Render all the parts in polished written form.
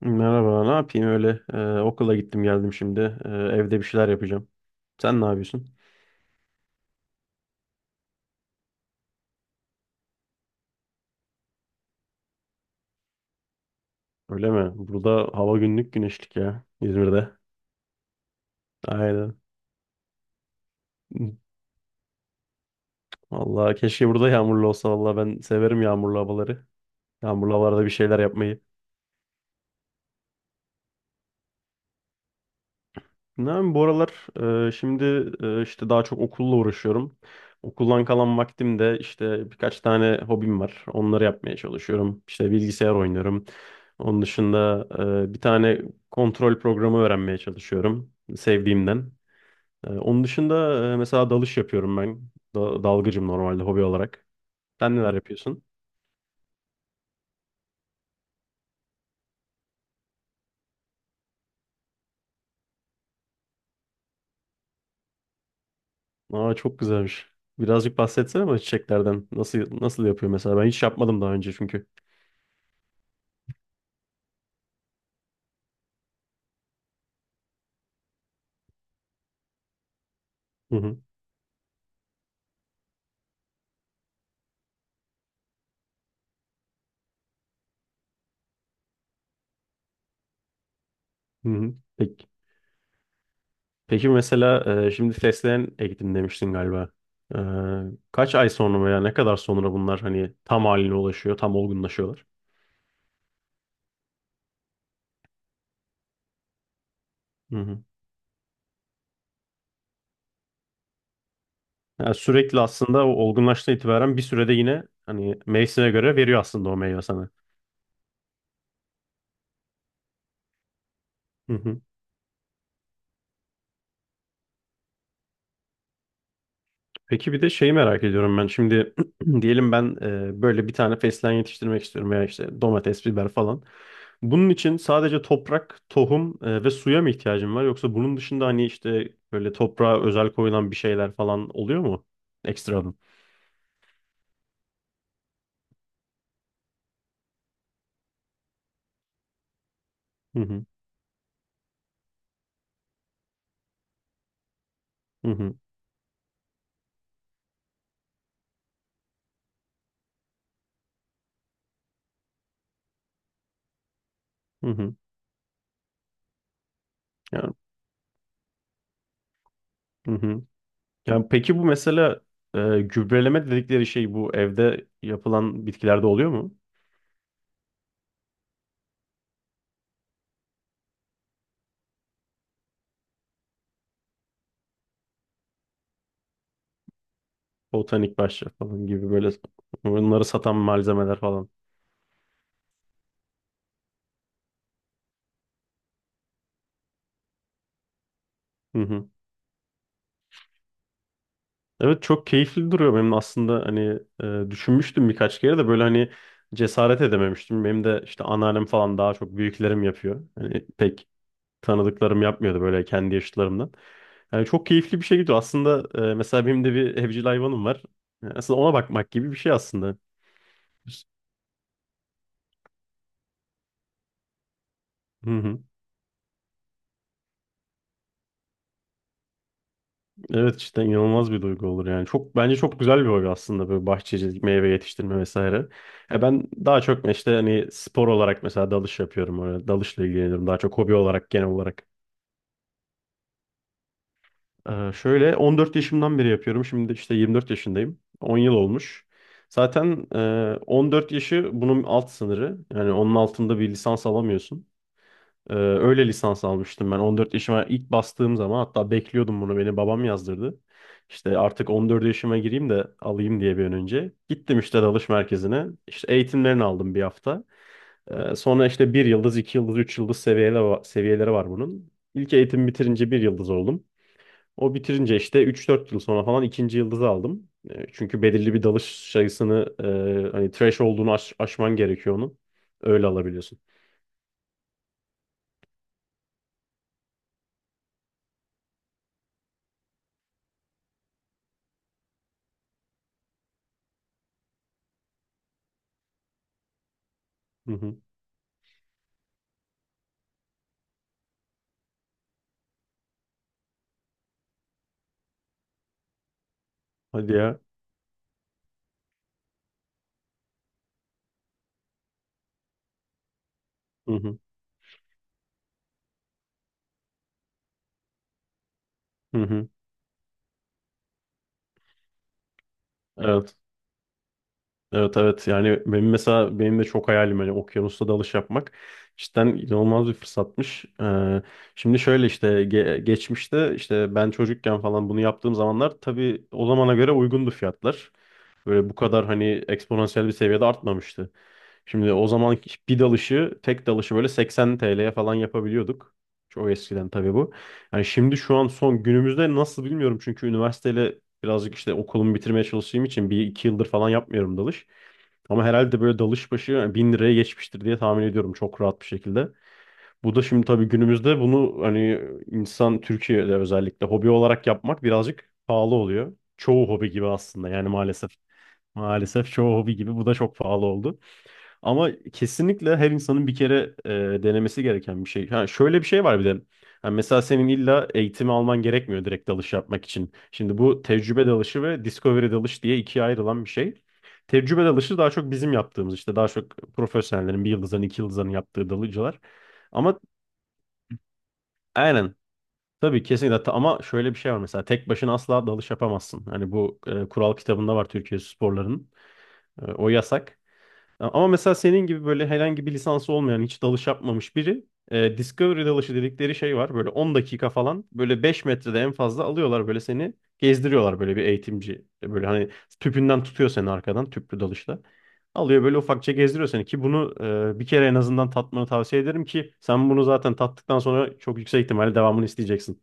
Merhaba, ne yapayım öyle? Okula gittim geldim şimdi. Evde bir şeyler yapacağım. Sen ne yapıyorsun? Öyle mi? Burada hava günlük güneşlik ya, İzmir'de. Aynen. Vallahi keşke burada yağmurlu olsa. Vallahi ben severim yağmurlu havaları. Yağmurlu havalarda bir şeyler yapmayı. Ne yapayım, bu aralar şimdi işte daha çok okulla uğraşıyorum. Okuldan kalan vaktimde işte birkaç tane hobim var. Onları yapmaya çalışıyorum. İşte bilgisayar oynuyorum. Onun dışında bir tane kontrol programı öğrenmeye çalışıyorum sevdiğimden. Onun dışında mesela dalış yapıyorum ben. Dalgıcım normalde hobi olarak. Sen neler yapıyorsun? Aa, çok güzelmiş. Birazcık bahsetsene bana çiçeklerden. Nasıl yapıyor mesela? Ben hiç yapmadım daha önce çünkü. Hı hı. Hı hı. Peki. Peki mesela şimdi fesleğen ektim demiştin galiba. E, Kaç ay sonra veya ne kadar sonra bunlar hani tam haline ulaşıyor, tam olgunlaşıyorlar? Hı hı. Yani sürekli aslında o olgunlaştığı itibaren bir sürede yine hani mevsime göre veriyor aslında o meyve sana. Hı hı. Peki bir de şeyi merak ediyorum ben. Şimdi diyelim ben böyle bir tane fesleğen yetiştirmek istiyorum veya işte domates, biber falan. Bunun için sadece toprak, tohum ve suya mı ihtiyacım var? Yoksa bunun dışında hani işte böyle toprağa özel koyulan bir şeyler falan oluyor mu? Ekstradan. Hı hı, hı hı, hı hı. Yani, hı hı. Yani peki bu mesela gübreleme dedikleri şey bu evde yapılan bitkilerde oluyor mu? Botanik bahçe falan gibi böyle onları satan malzemeler falan. Evet, çok keyifli duruyor benim aslında hani düşünmüştüm birkaç kere de böyle hani cesaret edememiştim. Benim de işte anneannem falan daha çok büyüklerim yapıyor. Hani pek tanıdıklarım yapmıyordu böyle kendi yaşıtlarımdan. Yani çok keyifli bir şey gidiyor. Aslında mesela benim de bir evcil hayvanım var. Yani aslında ona bakmak gibi bir şey aslında. Hı hı. Evet, cidden inanılmaz bir duygu olur yani. Çok, bence çok güzel bir hobi aslında böyle bahçecilik, meyve yetiştirme vesaire. Ya, ben daha çok işte hani spor olarak mesela dalış yapıyorum. Öyle dalışla ilgileniyorum daha çok hobi olarak genel olarak. Şöyle 14 yaşımdan beri yapıyorum. Şimdi işte 24 yaşındayım. 10 yıl olmuş. Zaten 14 yaşı bunun alt sınırı. Yani onun altında bir lisans alamıyorsun. Öyle lisans almıştım ben 14 yaşıma ilk bastığım zaman, hatta bekliyordum bunu, beni babam yazdırdı. İşte artık 14 yaşıma gireyim de alayım diye bir an önce. Gittim işte dalış merkezine. İşte eğitimlerini aldım bir hafta. Sonra işte bir yıldız, iki yıldız, üç yıldız seviyeleri, var bunun. İlk eğitim bitirince bir yıldız oldum. O bitirince işte 3-4 yıl sonra falan ikinci yıldızı aldım. Çünkü belirli bir dalış sayısını hani trash olduğunu aşman gerekiyor onu. Öyle alabiliyorsun. Hı hı. Hadi ya. Hı hı. Hı hı. Evet. Evet, evet, yani benim mesela benim de çok hayalim hani okyanusta dalış yapmak, cidden inanılmaz bir fırsatmış. Şimdi şöyle işte geçmişte işte ben çocukken falan bunu yaptığım zamanlar tabii o zamana göre uygundu fiyatlar. Böyle bu kadar hani eksponansiyel bir seviyede artmamıştı. Şimdi o zaman bir dalışı, tek dalışı böyle 80 TL'ye falan yapabiliyorduk. Çok eskiden tabii bu. Yani şimdi şu an son günümüzde nasıl bilmiyorum çünkü üniversiteyle birazcık işte okulumu bitirmeye çalıştığım için 1-2 yıldır falan yapmıyorum dalış. Ama herhalde böyle dalış başı yani 1000 liraya geçmiştir diye tahmin ediyorum, çok rahat bir şekilde. Bu da şimdi tabii günümüzde bunu hani insan Türkiye'de özellikle hobi olarak yapmak birazcık pahalı oluyor. Çoğu hobi gibi aslında yani, maalesef. Maalesef çoğu hobi gibi bu da çok pahalı oldu. Ama kesinlikle her insanın bir kere denemesi gereken bir şey. Ha, şöyle bir şey var bir de. Ha, mesela senin illa eğitimi alman gerekmiyor direkt dalış yapmak için. Şimdi bu tecrübe dalışı ve discovery dalış diye ikiye ayrılan bir şey. Tecrübe dalışı daha çok bizim yaptığımız, işte daha çok profesyonellerin, bir yıldızların, iki yıldızların yaptığı dalıcılar. Ama aynen, tabii, kesinlikle. Ama şöyle bir şey var, mesela tek başına asla dalış yapamazsın. Hani bu kural kitabında var Türkiye sporlarının. O yasak. Ama mesela senin gibi böyle herhangi bir lisansı olmayan, hiç dalış yapmamış biri, Discovery dalışı dedikleri şey var. Böyle 10 dakika falan, böyle 5 metrede en fazla alıyorlar, böyle seni gezdiriyorlar böyle bir eğitimci. Böyle hani tüpünden tutuyor seni arkadan, tüplü dalışla. Alıyor böyle ufakça gezdiriyor seni, ki bunu bir kere en azından tatmanı tavsiye ederim, ki sen bunu zaten tattıktan sonra çok yüksek ihtimalle devamını isteyeceksin.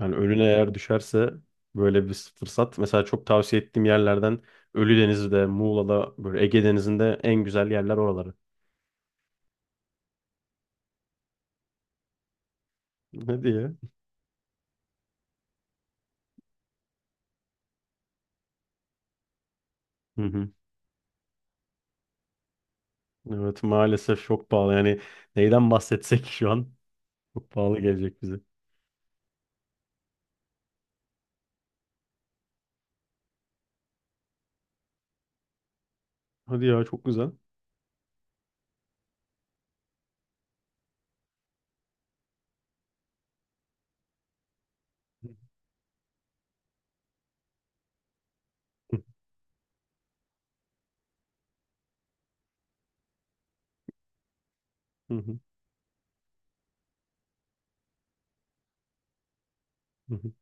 Yani önüne eğer düşerse böyle bir fırsat. Mesela çok tavsiye ettiğim yerlerden Ölüdeniz'de, Muğla'da, böyle Ege Denizi'nde en güzel yerler oraları. Ne diye? Hı hı. Evet, maalesef çok pahalı. Yani neyden bahsetsek şu an çok pahalı gelecek bize. Hadi ya, çok güzel. Hı hı, hı hı.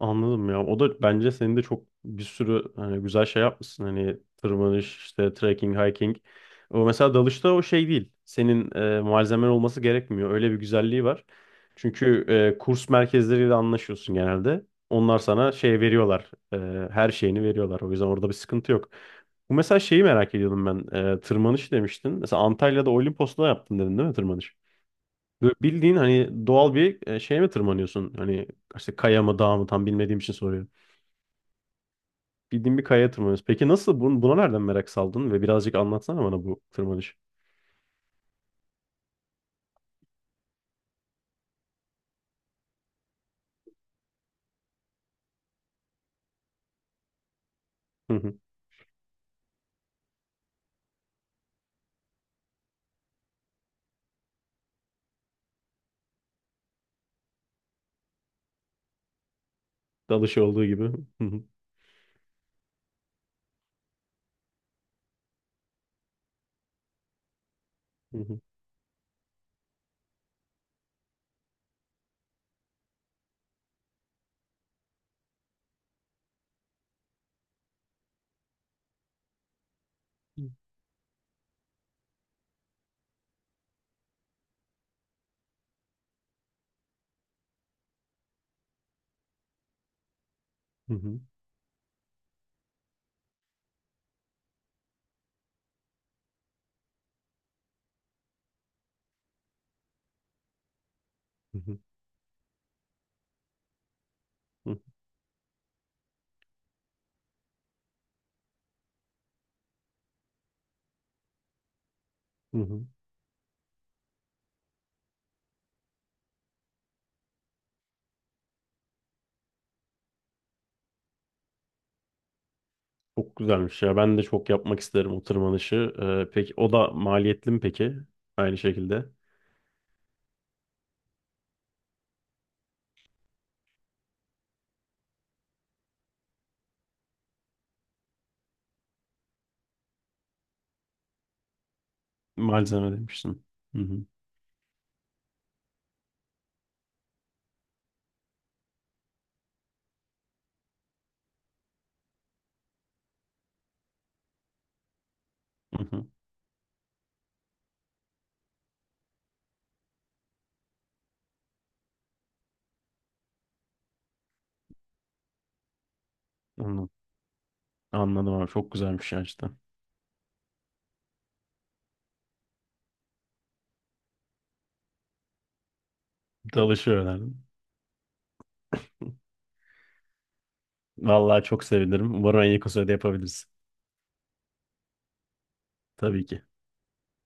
Anladım ya. O da, bence senin de çok bir sürü hani güzel şey yapmışsın. Hani tırmanış, işte trekking, hiking. O mesela dalışta o şey değil. Senin malzemen olması gerekmiyor. Öyle bir güzelliği var. Çünkü kurs merkezleriyle anlaşıyorsun genelde. Onlar sana şey veriyorlar. Her şeyini veriyorlar. O yüzden orada bir sıkıntı yok. Bu mesela şeyi merak ediyordum ben. Tırmanış demiştin. Mesela Antalya'da Olimpos'ta yaptın dedin değil mi, tırmanış? Böyle bildiğin hani doğal bir şeye mi tırmanıyorsun? Hani işte kaya mı dağ mı tam bilmediğim için soruyorum. Bildiğin bir kayaya tırmanıyorsun. Peki nasıl buna nereden merak saldın ve birazcık anlatsana bana bu tırmanış. Hı hı. Dalışı olduğu gibi. Hı hı. Hı hı. Hı hı. Hı hı. Hı hı. Çok güzelmiş ya. Ben de çok yapmak isterim o tırmanışı. Peki o da maliyetli mi peki? Aynı şekilde. Malzeme demiştin. Hı hı. Hı hı. Anladım. Anladım abi. Çok güzelmiş ya işte. Dalışı önerdim. Vallahi çok sevinirim. Umarım en yakın sürede yapabiliriz. Tabii ki.